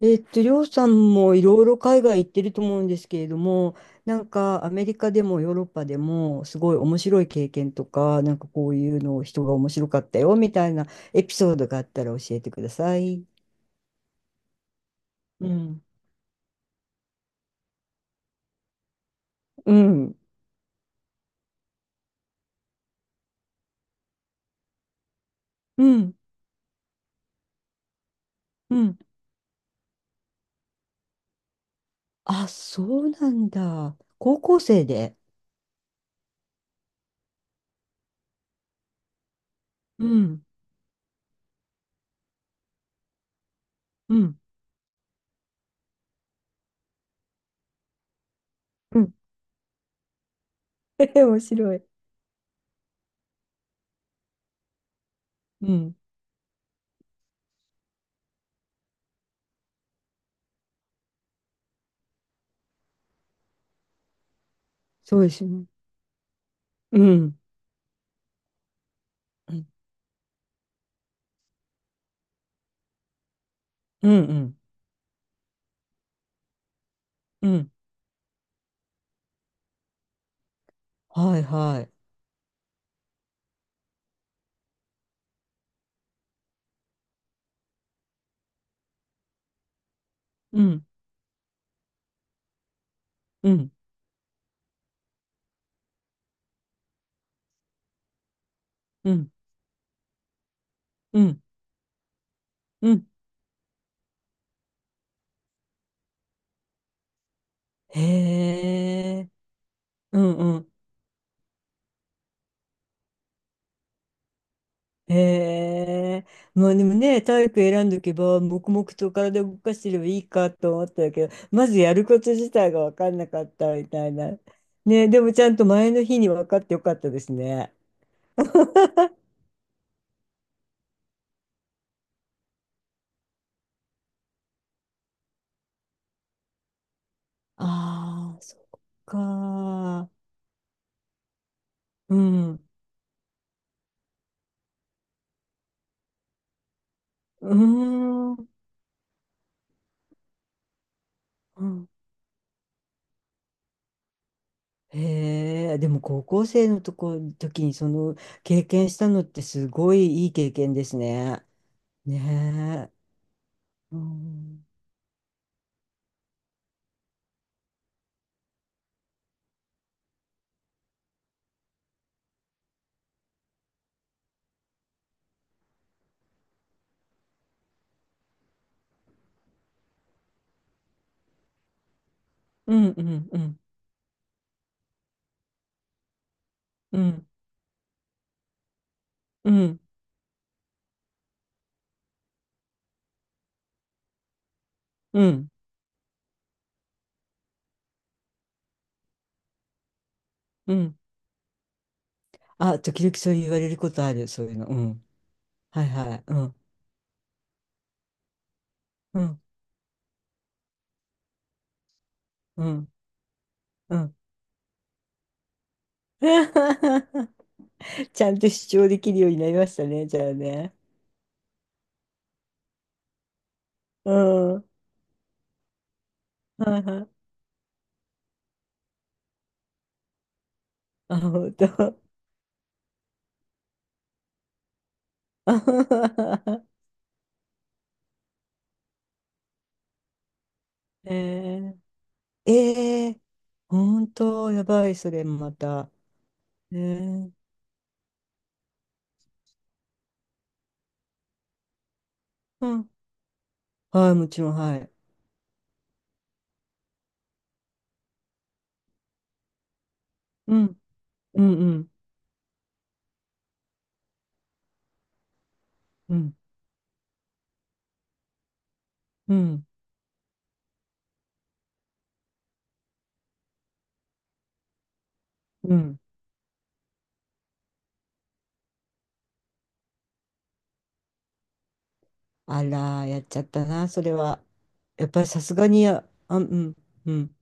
りょうさんもいろいろ海外行ってると思うんですけれども、なんかアメリカでもヨーロッパでもすごい面白い経験とか、なんかこういうのを人が面白かったよみたいなエピソードがあったら教えてください。うん。うん。うん。うん。あ、そうなんだ。高校生で。うん。うん。うん。面白い。うん。そうですね。うん。うん。うん。うん。うんはいはい。うん。うん。うん。うん。うんへえ、うんうん。へえ、まあでもね、体育選んどけば、黙々と体動かしてればいいかと思ったけど、まずやること自体が分かんなかったみたいな。ね、でもちゃんと前の日に分かってよかったですね。ああ、そっか。うん。うーん。うんへえ、でも高校生の時にその経験したのってすごいいい経験ですね。ねえ。うんうんうんうんうんうんうんうんあ、時々そう言われることある、そういうの。うん。はいはい。うんうんうんうん。ちゃんと主張できるようになりましたね、じゃあね。うん。はいはい。あ、本当。えー、えー、本当、やばい、それまた。えー、うん。はい、もちろん、はい。うんうんうんうんうんうん。あら、やっちゃったな、それは。やっぱりさすがにあ、うん、うん。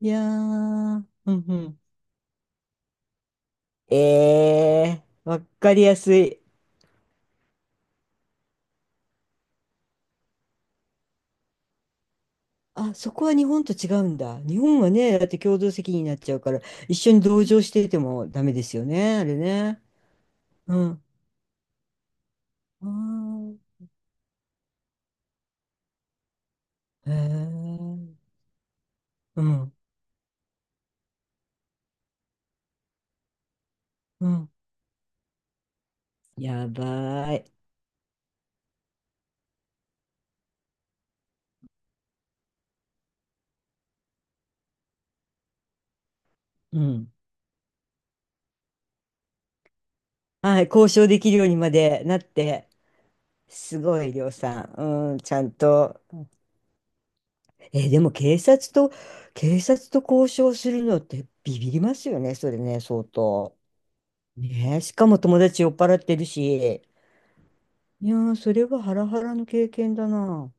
いやー、うん、うん。ええー、わかりやすい。あ、そこは日本と違うんだ。日本はね、だって共同責任になっちゃうから、一緒に同情していてもダメですよね、あれね。うん。ああへえ、うん、うん。やばーい。うん。はい、交渉できるようにまでなって、すごい、りょうさん。うん、ちゃんと。えーでも警察と交渉するのってビビりますよね、それね、相当。ねえ、しかも友達酔っ払ってるし。いやー、それはハラハラの経験だな。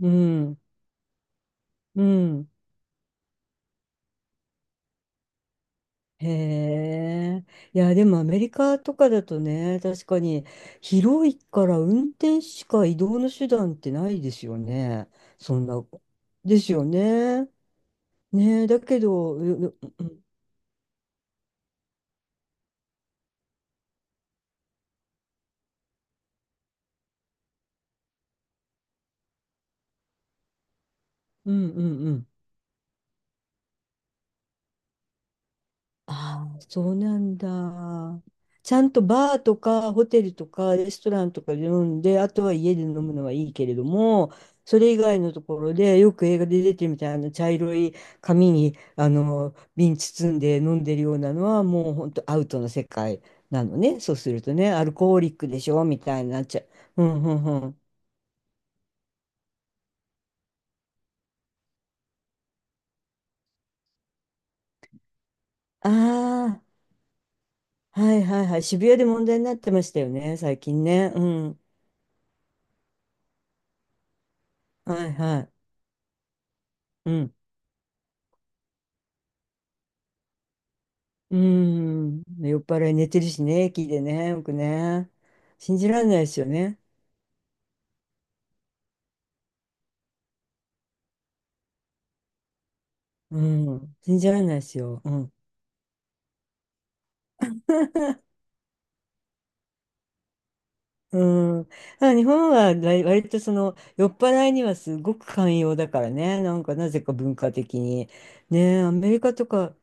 うん、うん。へえ。いや、でもアメリカとかだとね、確かに広いから運転しか移動の手段ってないですよね。そんな、ですよね。ねえ、だけど、うううんうんうん。ああ、そうなんだ。ちゃんとバーとかホテルとかレストランとかで飲んで、あとは家で飲むのはいいけれども、それ以外のところでよく映画で出てるみたいな茶色い紙にあの瓶包んで飲んでるようなのはもう本当アウトの世界なのね。そうするとね、アルコーリックでしょみたいになっちゃう。うんうんうん。ああ、はいはいはい。渋谷で問題になってましたよね、最近ね。うん。はいはい。うん。うん。酔っ払い寝てるしね、駅でね、よくね。信じられないですよね。うん。信じられないですよ。うん。うん。あ、日本は割とその酔っ払いにはすごく寛容だからね。なんかなぜか文化的に。ねえ、アメリカとか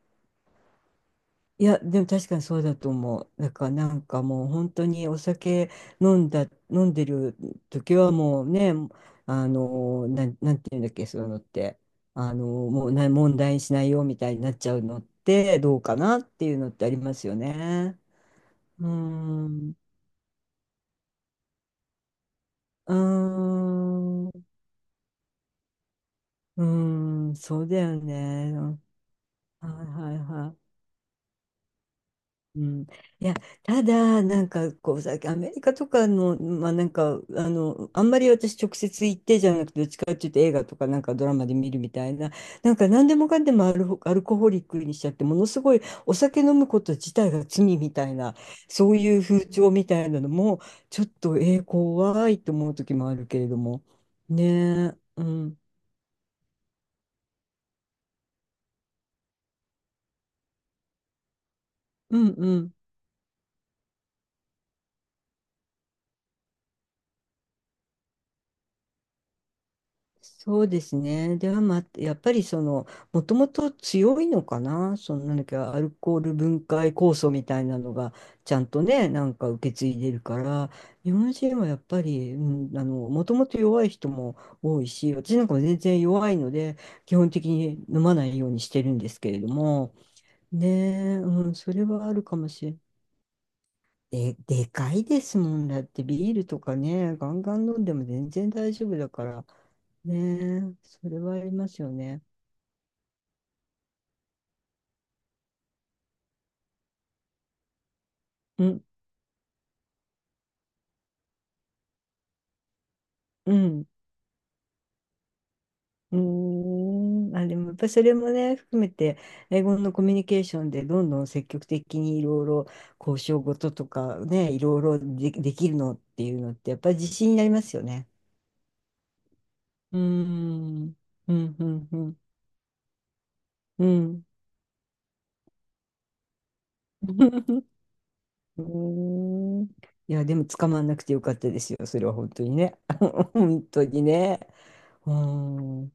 いや、でも確かにそうだと思う。だからなんかもう本当にお酒飲んでる時はもうね、なんていうんだっけ、そういうのって、もう問題にしないよみたいになっちゃうのってどうかなっていうのってありますよね。うーん、うーん、うーん、そうだよね。はいはいはい。うん、いや、ただ、なんかこうさ、アメリカとかの、まあなんか、あんまり私直接行ってじゃなくて、どっちかっていうと映画とかなんかドラマで見るみたいな、なんか何でもかんでもアルコホリックにしちゃって、ものすごいお酒飲むこと自体が罪みたいな、そういう風潮みたいなのも、ちょっと、怖いと思う時もあるけれども。ねえ、うん、うん、うん。そうですね。では、まあ、やっぱりその、もともと強いのかな、そのなんだっけ、アルコール分解酵素みたいなのが、ちゃんとね、なんか受け継いでるから、日本人はやっぱり、うん、もともと弱い人も多いし、私なんかも全然弱いので、基本的に飲まないようにしてるんですけれども、ねえ、うん、それはあるかもしれない。でかいですもんだって、ビールとかね、ガンガン飲んでも全然大丈夫だから、ねえ、それはありますよね。うん、うん、うーん、あ、でもやっぱそれもね、含めて、英語のコミュニケーションでどんどん積極的にいろいろ交渉事とかね、いろいろで、できるのっていうのって、やっぱり自信になりますよね。うーん、うん、うん、うん、うん。うーん。いや、でも捕まんなくてよかったですよ。それは本当にね。本当にね。うーん。